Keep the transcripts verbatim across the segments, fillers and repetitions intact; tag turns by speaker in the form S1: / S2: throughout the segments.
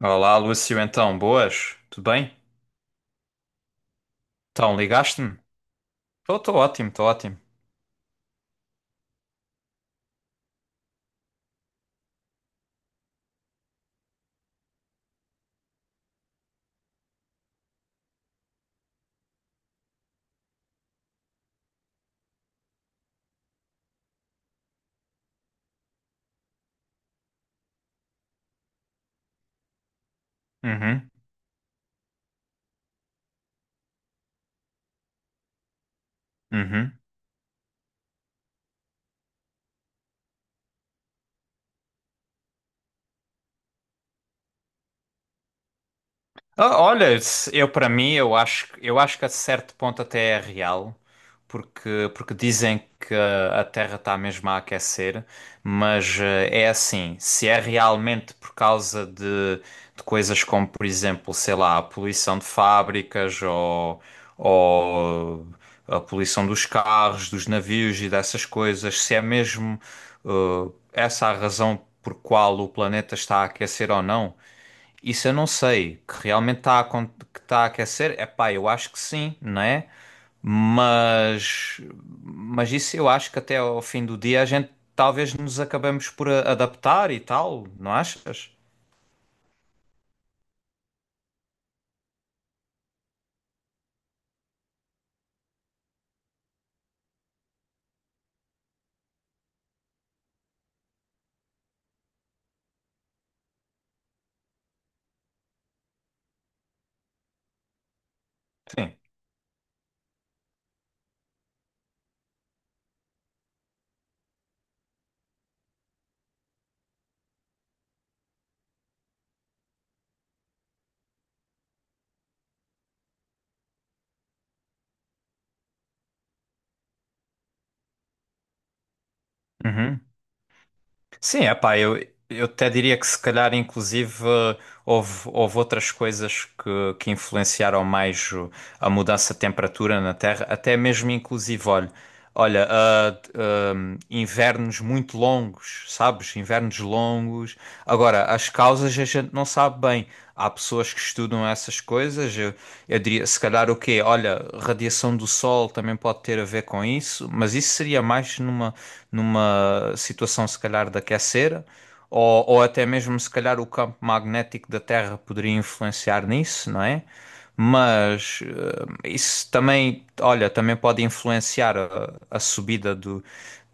S1: Olá, Lúcio, então, boas? Tudo bem? Então, ligaste-me? Estou ótimo, estou ótimo. Uhum, uhum. Ah, Olha, se- eu para mim, eu acho, eu acho que a certo ponto até é real, porque, porque dizem que a a Terra está mesmo a aquecer, mas eh, é assim, se é realmente por causa de, de coisas como, por exemplo, sei lá, a poluição de fábricas ou, ou eh, a poluição dos carros, dos navios e dessas coisas, se é mesmo eh, essa a razão por qual o planeta está a aquecer ou não, isso eu não sei, que realmente está a, acon- que está a aquecer, é pá, eu acho que sim, não é? Mas, mas isso eu acho que até ao fim do dia a gente talvez nos acabemos por a- adaptar e tal, não achas? Sim. Uhum. Sim, é pá, eu, eu até diria que se calhar inclusive eh, houve, houve outras coisas que, que influenciaram mais o- a mudança de temperatura na Terra, até mesmo inclusive, olha, olha, ah, ah, invernos muito longos, sabes? Invernos longos. Agora, as causas a gente não sabe bem. Há pessoas que estudam essas coisas. Eu, eu diria, se calhar o quê? Olha, radiação do Sol também pode ter a ver com isso, mas isso seria mais numa numa situação se calhar de aquecer, ou, ou até mesmo se calhar o campo magnético da Terra poderia influenciar nisso, não é? Mas eh, isso também, olha, também pode influenciar a, a subida do,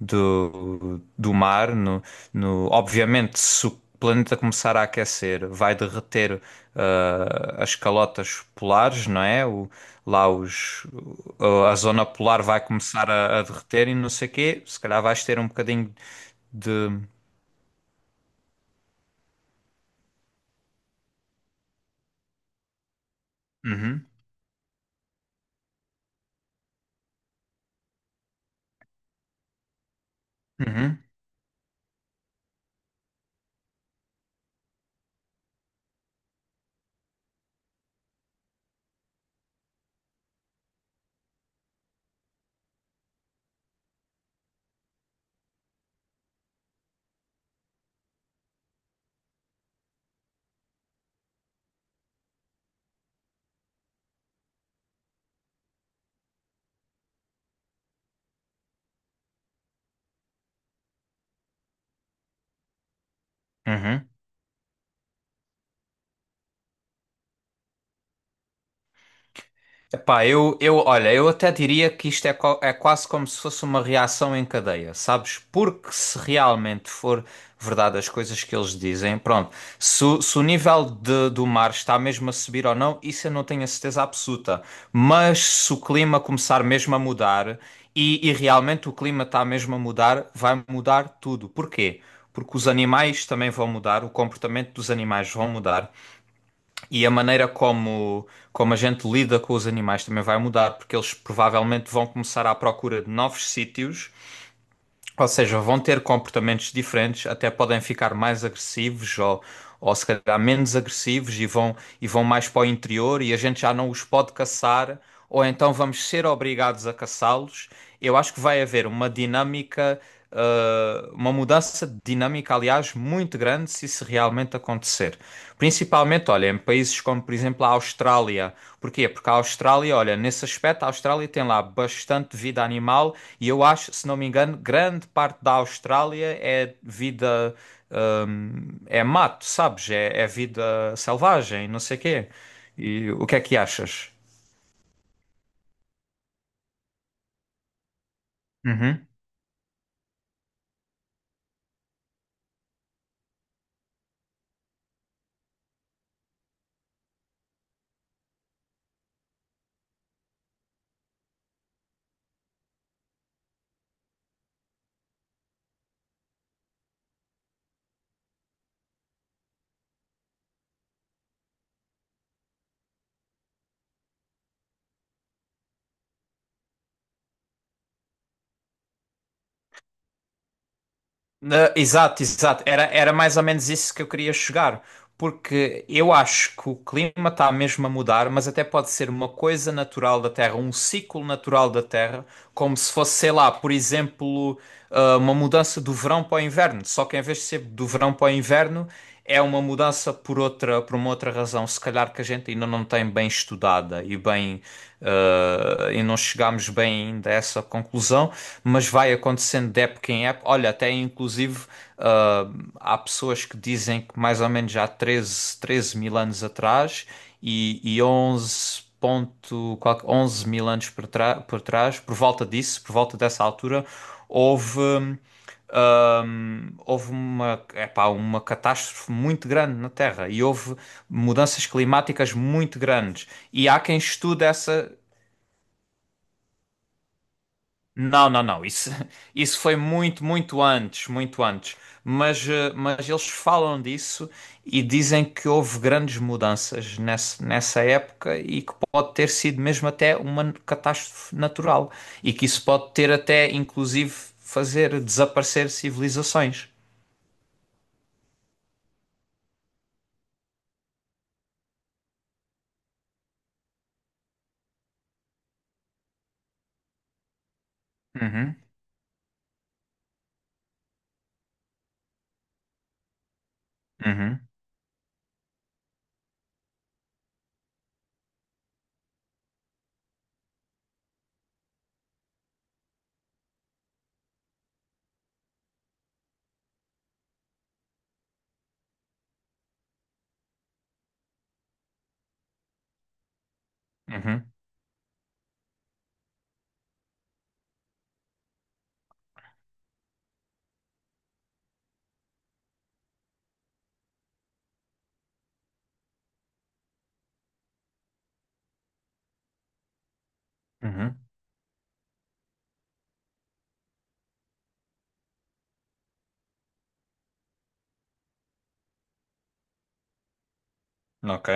S1: do, do mar. No, no, obviamente, se o o planeta começar a aquecer, vai derreter ah, as calotas polares, não é? O- lá os, o- a zona polar vai começar a, a derreter e não sei o quê. Se calhar vais ter um bocadinho de. Uhum, uhum, uhum. Epá, eu, eu, olha, eu até diria que isto é, co- é quase como se fosse uma reação em cadeia, sabes? Porque se realmente for verdade as coisas que eles dizem, pronto, se, o se o nível de- do mar está mesmo a subir ou não, isso eu não tenho a certeza absoluta. Mas se o clima começar mesmo a mudar, e, e realmente o clima está mesmo a mudar, vai mudar tudo. Porquê? Porque os animais também vão mudar, o comportamento dos animais vão mudar. E a maneira como, como a gente lida com os animais também vai mudar, porque eles provavelmente vão começar à procura de novos sítios, ou seja, vão ter comportamentos diferentes, até podem ficar mais agressivos ou, ou se calhar menos agressivos e vão, e vão mais para o interior e a gente já não os pode caçar, ou então vamos ser obrigados a caçá-los. Eu acho que vai haver uma dinâmica ah, uma mudança de dinâmica, aliás, muito grande se isso realmente acontecer. Principalmente, olha, em países como, por exemplo, a Austrália. Porquê? Porque a Austrália, olha, nesse aspecto, a Austrália tem lá bastante vida animal e eu acho, se não me engano, grande parte da Austrália é vida, hum, é mato, sabes? É, é vida selvagem, não sei o quê. E o que é que achas? Uhum. Na- Exato, exato. Era, era mais ou menos isso que eu queria chegar, porque eu acho que o clima está mesmo a mudar, mas até pode ser uma coisa natural da Terra, um ciclo natural da Terra, como se fosse, sei lá, por exemplo, ah, uma mudança do verão para o inverno. Só que em vez de ser do verão para o inverno, é uma mudança por outra, por uma outra razão, se calhar que a gente ainda não tem bem estudada e bem eh, e não chegámos bem ainda a essa conclusão, mas vai acontecendo de época em época. Olha, até inclusive eh, há pessoas que dizem que mais ou menos já há treze 13 mil anos atrás e, e onze ponto, qual- onze mil anos por, trás por trás, por volta disso, por volta dessa altura, houve Ahm, houve uma, epá, uma catástrofe muito grande na Terra e houve mudanças climáticas muito grandes. E há quem estude essa. Não, não, não. Isso, isso foi muito, muito antes, muito antes. Mas, eh, mas eles falam disso e dizem que houve grandes mudanças nessa, nessa época e que pode ter sido mesmo até uma catástrofe natural. E que isso pode ter até, inclusive, fazer desaparecer civilizações. Uhum, uhum. Uhum, uhum, ok.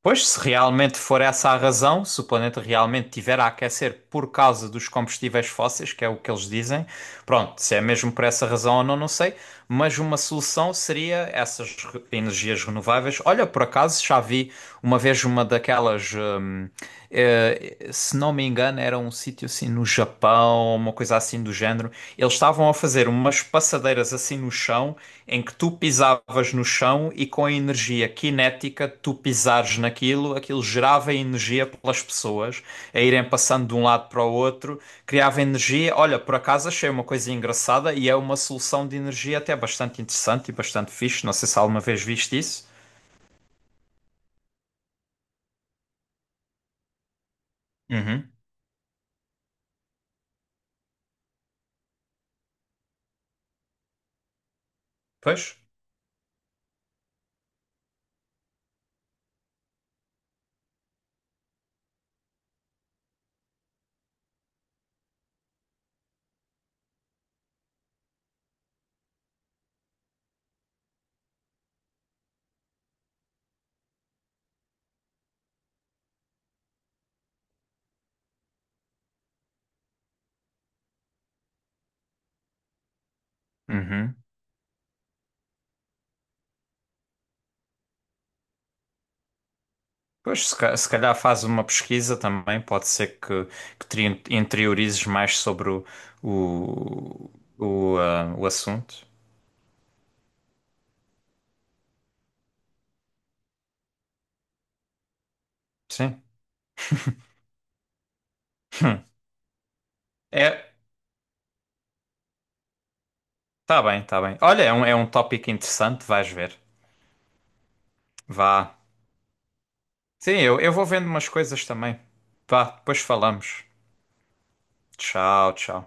S1: Pois, se realmente for essa a razão, se o planeta realmente tiver a aquecer por causa dos combustíveis fósseis, que é o que eles dizem, pronto, se é mesmo por essa razão ou não, não sei, mas uma solução seria essas re- energias renováveis. Olha, por acaso já vi uma vez uma daquelas. hum, Eh, se não me engano, era um sítio assim no Japão, uma coisa assim do género. Eles estavam a fazer umas passadeiras assim no chão, em que tu pisavas no chão e com a energia cinética, tu pisares naquilo, aquilo gerava energia pelas pessoas a irem passando de um lado para o outro, criava energia. Olha, por acaso achei uma coisa engraçada e é uma solução de energia até bastante interessante e bastante fixe. Não sei se alguma vez viste isso. Uhum. Pois. Uhum. Pois, se ca- se calhar faz uma pesquisa também, pode ser que, que te interiorizes mais sobre o, o, o, ah, o assunto. Sim. É, tá bem, tá bem. Olha, é um, é um tópico interessante, vais ver. Vá. Sim, eu, eu vou vendo umas coisas também. Vá, depois falamos. Tchau, tchau.